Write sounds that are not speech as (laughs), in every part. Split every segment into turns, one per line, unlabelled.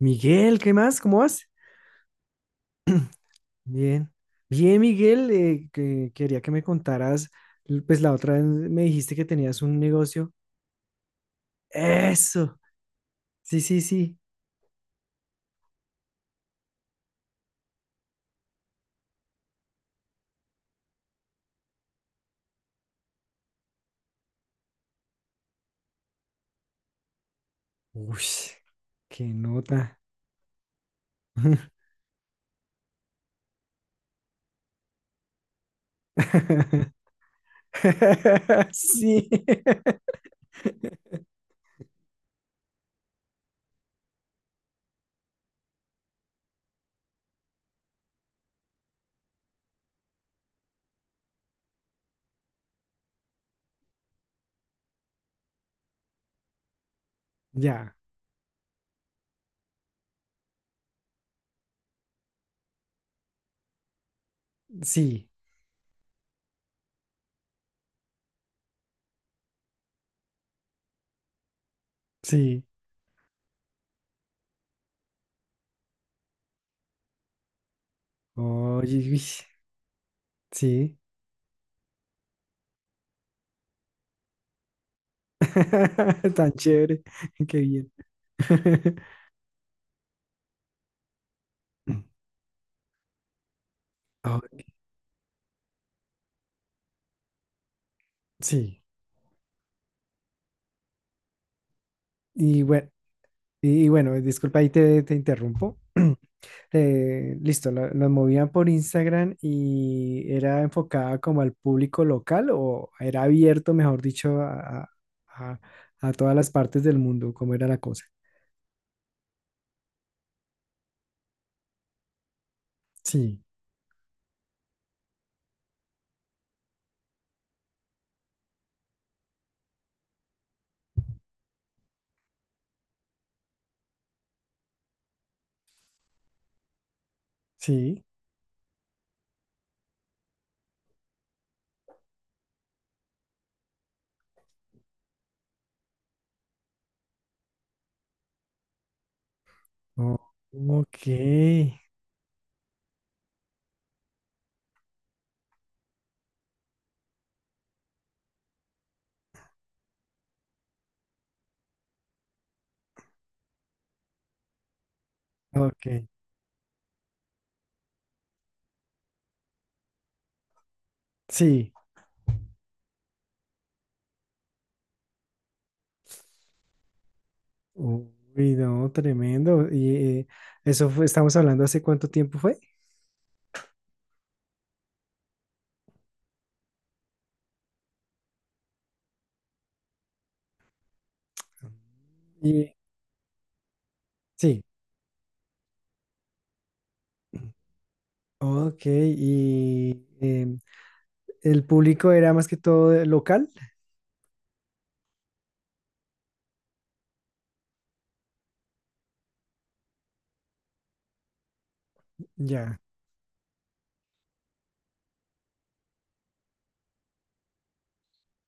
Miguel, ¿qué más? ¿Cómo vas? Bien. Bien, Miguel, que quería que me contaras, pues la otra vez me dijiste que tenías un negocio. Eso. Sí, sí, sí. Uy, qué nota. (laughs) Sí. Ya, sí, sí. Oye, uy, sí. (laughs) Tan chévere. Qué bien. (laughs) (clears throat) Ah, sí. Y bueno, disculpa, ahí te interrumpo. (clears throat) Listo, la movían por Instagram y era enfocada como al público local o era abierto, mejor dicho, a- a todas las partes del mundo, cómo era la cosa. Sí, sí. Oh, ok, ok. Sí. Uy, no, tremendo. Y eso fue, estamos hablando hace cuánto tiempo fue. Y sí. Ok, y el público era más que todo local. Ya.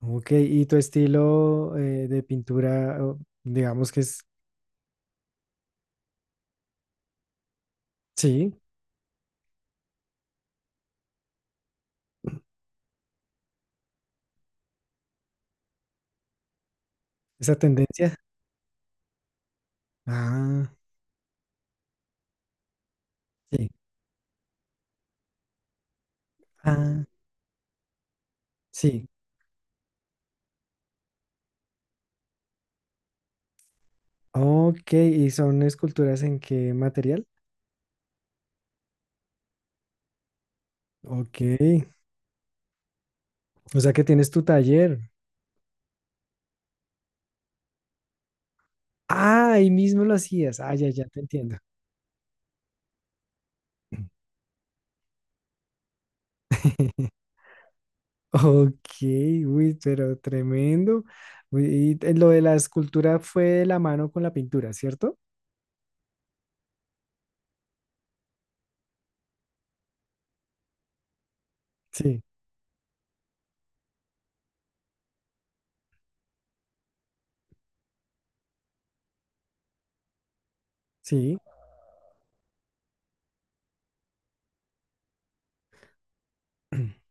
Ok, y tu estilo de pintura, o digamos que es, sí, esa tendencia. Ah, sí. Ah, sí. Ok, ¿y son esculturas en qué material? Ok, o sea que tienes tu taller. Ah, ahí mismo lo hacías. Ah, ya, ya te entiendo. (laughs) Ok, uy, pero tremendo. Uy, y lo de la escultura fue de la mano con la pintura, ¿cierto? Sí, sí, (clears throat)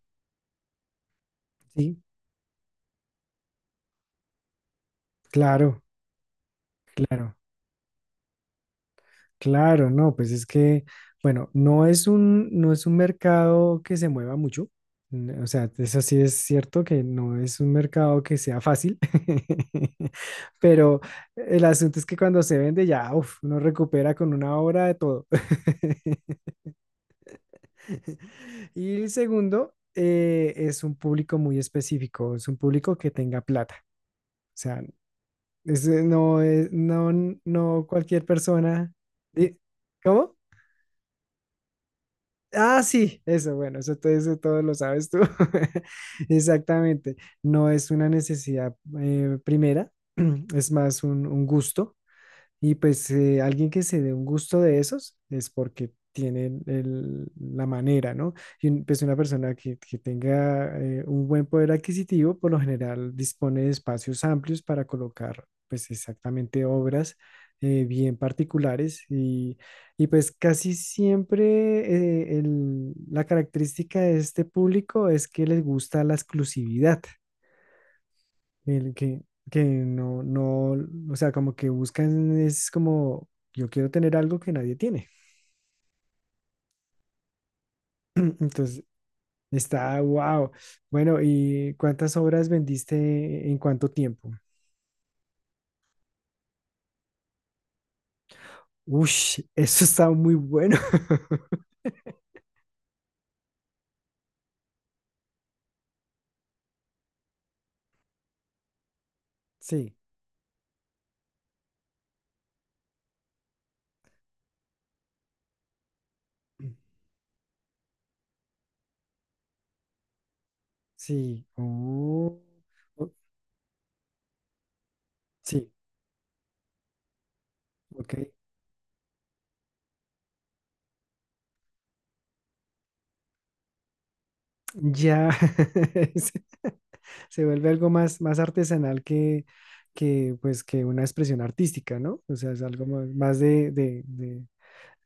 sí, claro, claro. Claro, no, pues es que, bueno, no es un mercado que se mueva mucho. O sea, eso sí es cierto que no es un mercado que sea fácil, (laughs) pero el asunto es que cuando se vende ya, uf, uno recupera con una obra de todo. (laughs) Y el segundo, es un público muy específico, es un público que tenga plata. O sea, no es, no, no cualquier persona. di- ¿Cómo? Ah, sí, eso, bueno, eso, eso todo lo sabes tú. (laughs) Exactamente. No es una necesidad primera, (clears throat) es más un gusto. Y pues alguien que se dé un gusto de esos es porque tienen la manera, ¿no? Y pues una persona que tenga un buen poder adquisitivo, por lo general dispone de espacios amplios para colocar pues exactamente obras bien particulares y pues casi siempre la característica de este público es que les gusta la exclusividad el que, que no, no, o sea, como que buscan es como, yo quiero tener algo que nadie tiene. (laughs) Entonces, está, wow. Bueno, ¿y cuántas obras vendiste en cuánto tiempo? Ush, (laughs) eso está muy bueno. (laughs) Sí, sí. Oh, o- sí, ok. Ya (laughs) se se vuelve algo más, más artesanal que, pues, que una expresión artística, ¿no? O sea, es algo más, más de,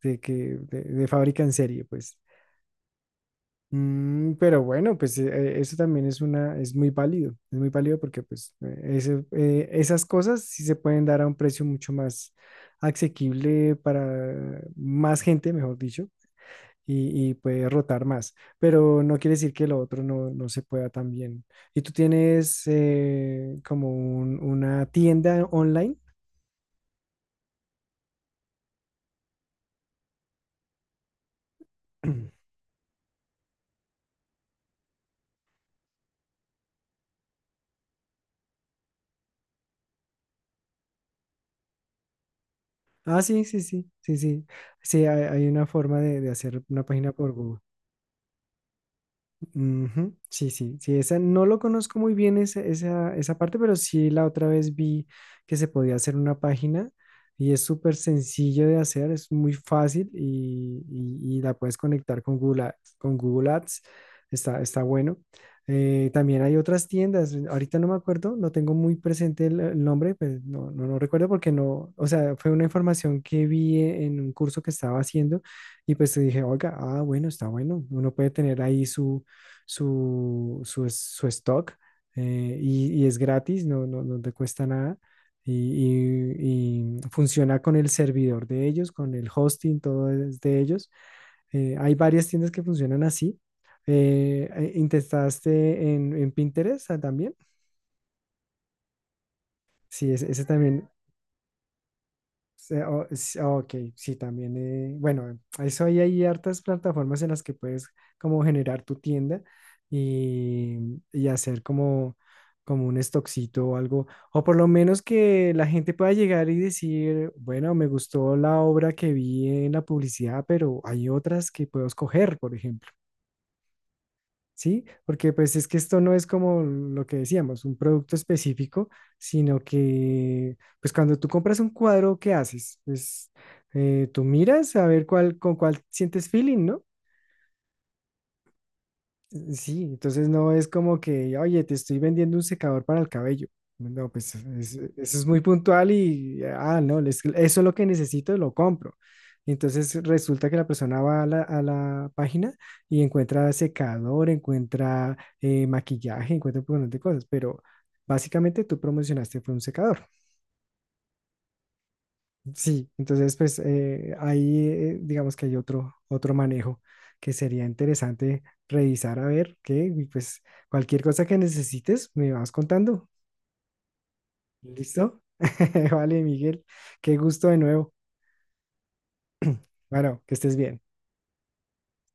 de que de, fábrica en serie, pues. Mm, pero bueno, pues eso también es muy válido porque pues esas cosas sí se pueden dar a un precio mucho más asequible para más gente, mejor dicho, y puede rotar más, pero no quiere decir que lo otro no, no se pueda también. ¿Y tú tienes como una tienda online? (clears throat) Ah, sí, sí, sí, sí, sí. Sí, hay una forma de hacer una página por Google. Ujú, sí, sí, sí, esa no lo conozco muy bien esa parte, pero sí la otra vez vi que se podía hacer una página y es súper sencillo de hacer, es muy fácil y la puedes conectar con Google Ads, está bueno. También hay otras tiendas, ahorita no me acuerdo, no tengo muy presente el nombre, pues no recuerdo porque no, o sea, fue una información que vi en un curso que estaba haciendo y pues dije, oiga, ah, bueno, está bueno, uno puede tener ahí su stock y es gratis, no, no te cuesta nada. Y, y y funciona con el servidor de ellos, con el hosting, todo es de ellos. Hay varias tiendas que funcionan así. ¿Intentaste en Pinterest ah, también? Sí, ese también. Ok, sí, también. Bueno, eso ahí hay hartas plataformas en las que puedes como generar tu tienda y hacer como un stockcito o algo. O por lo menos que la gente pueda llegar y decir, bueno, me gustó la obra que vi en la publicidad, pero hay otras que puedo escoger, por ejemplo. ¿Sí? Porque pues es que esto no es como lo que decíamos, un producto específico, sino que pues cuando tú compras un cuadro, ¿qué haces? Pues tú miras a ver cuál, con cuál sientes feeling, ¿no? Sí, entonces no es como que, oye, te estoy vendiendo un secador para el cabello. No, pues eso es muy puntual y, ah, no, eso es lo que necesito, lo compro. Entonces resulta que la persona va a a la página y encuentra secador, encuentra maquillaje, encuentra un montón de cosas, pero básicamente tú promocionaste fue un secador. Sí, entonces pues ahí digamos que hay otro manejo que sería interesante revisar a ver qué, y pues cualquier cosa que necesites me vas contando. ¿Listo? (laughs) Vale, Miguel, qué gusto de nuevo. Bueno, que estés bien.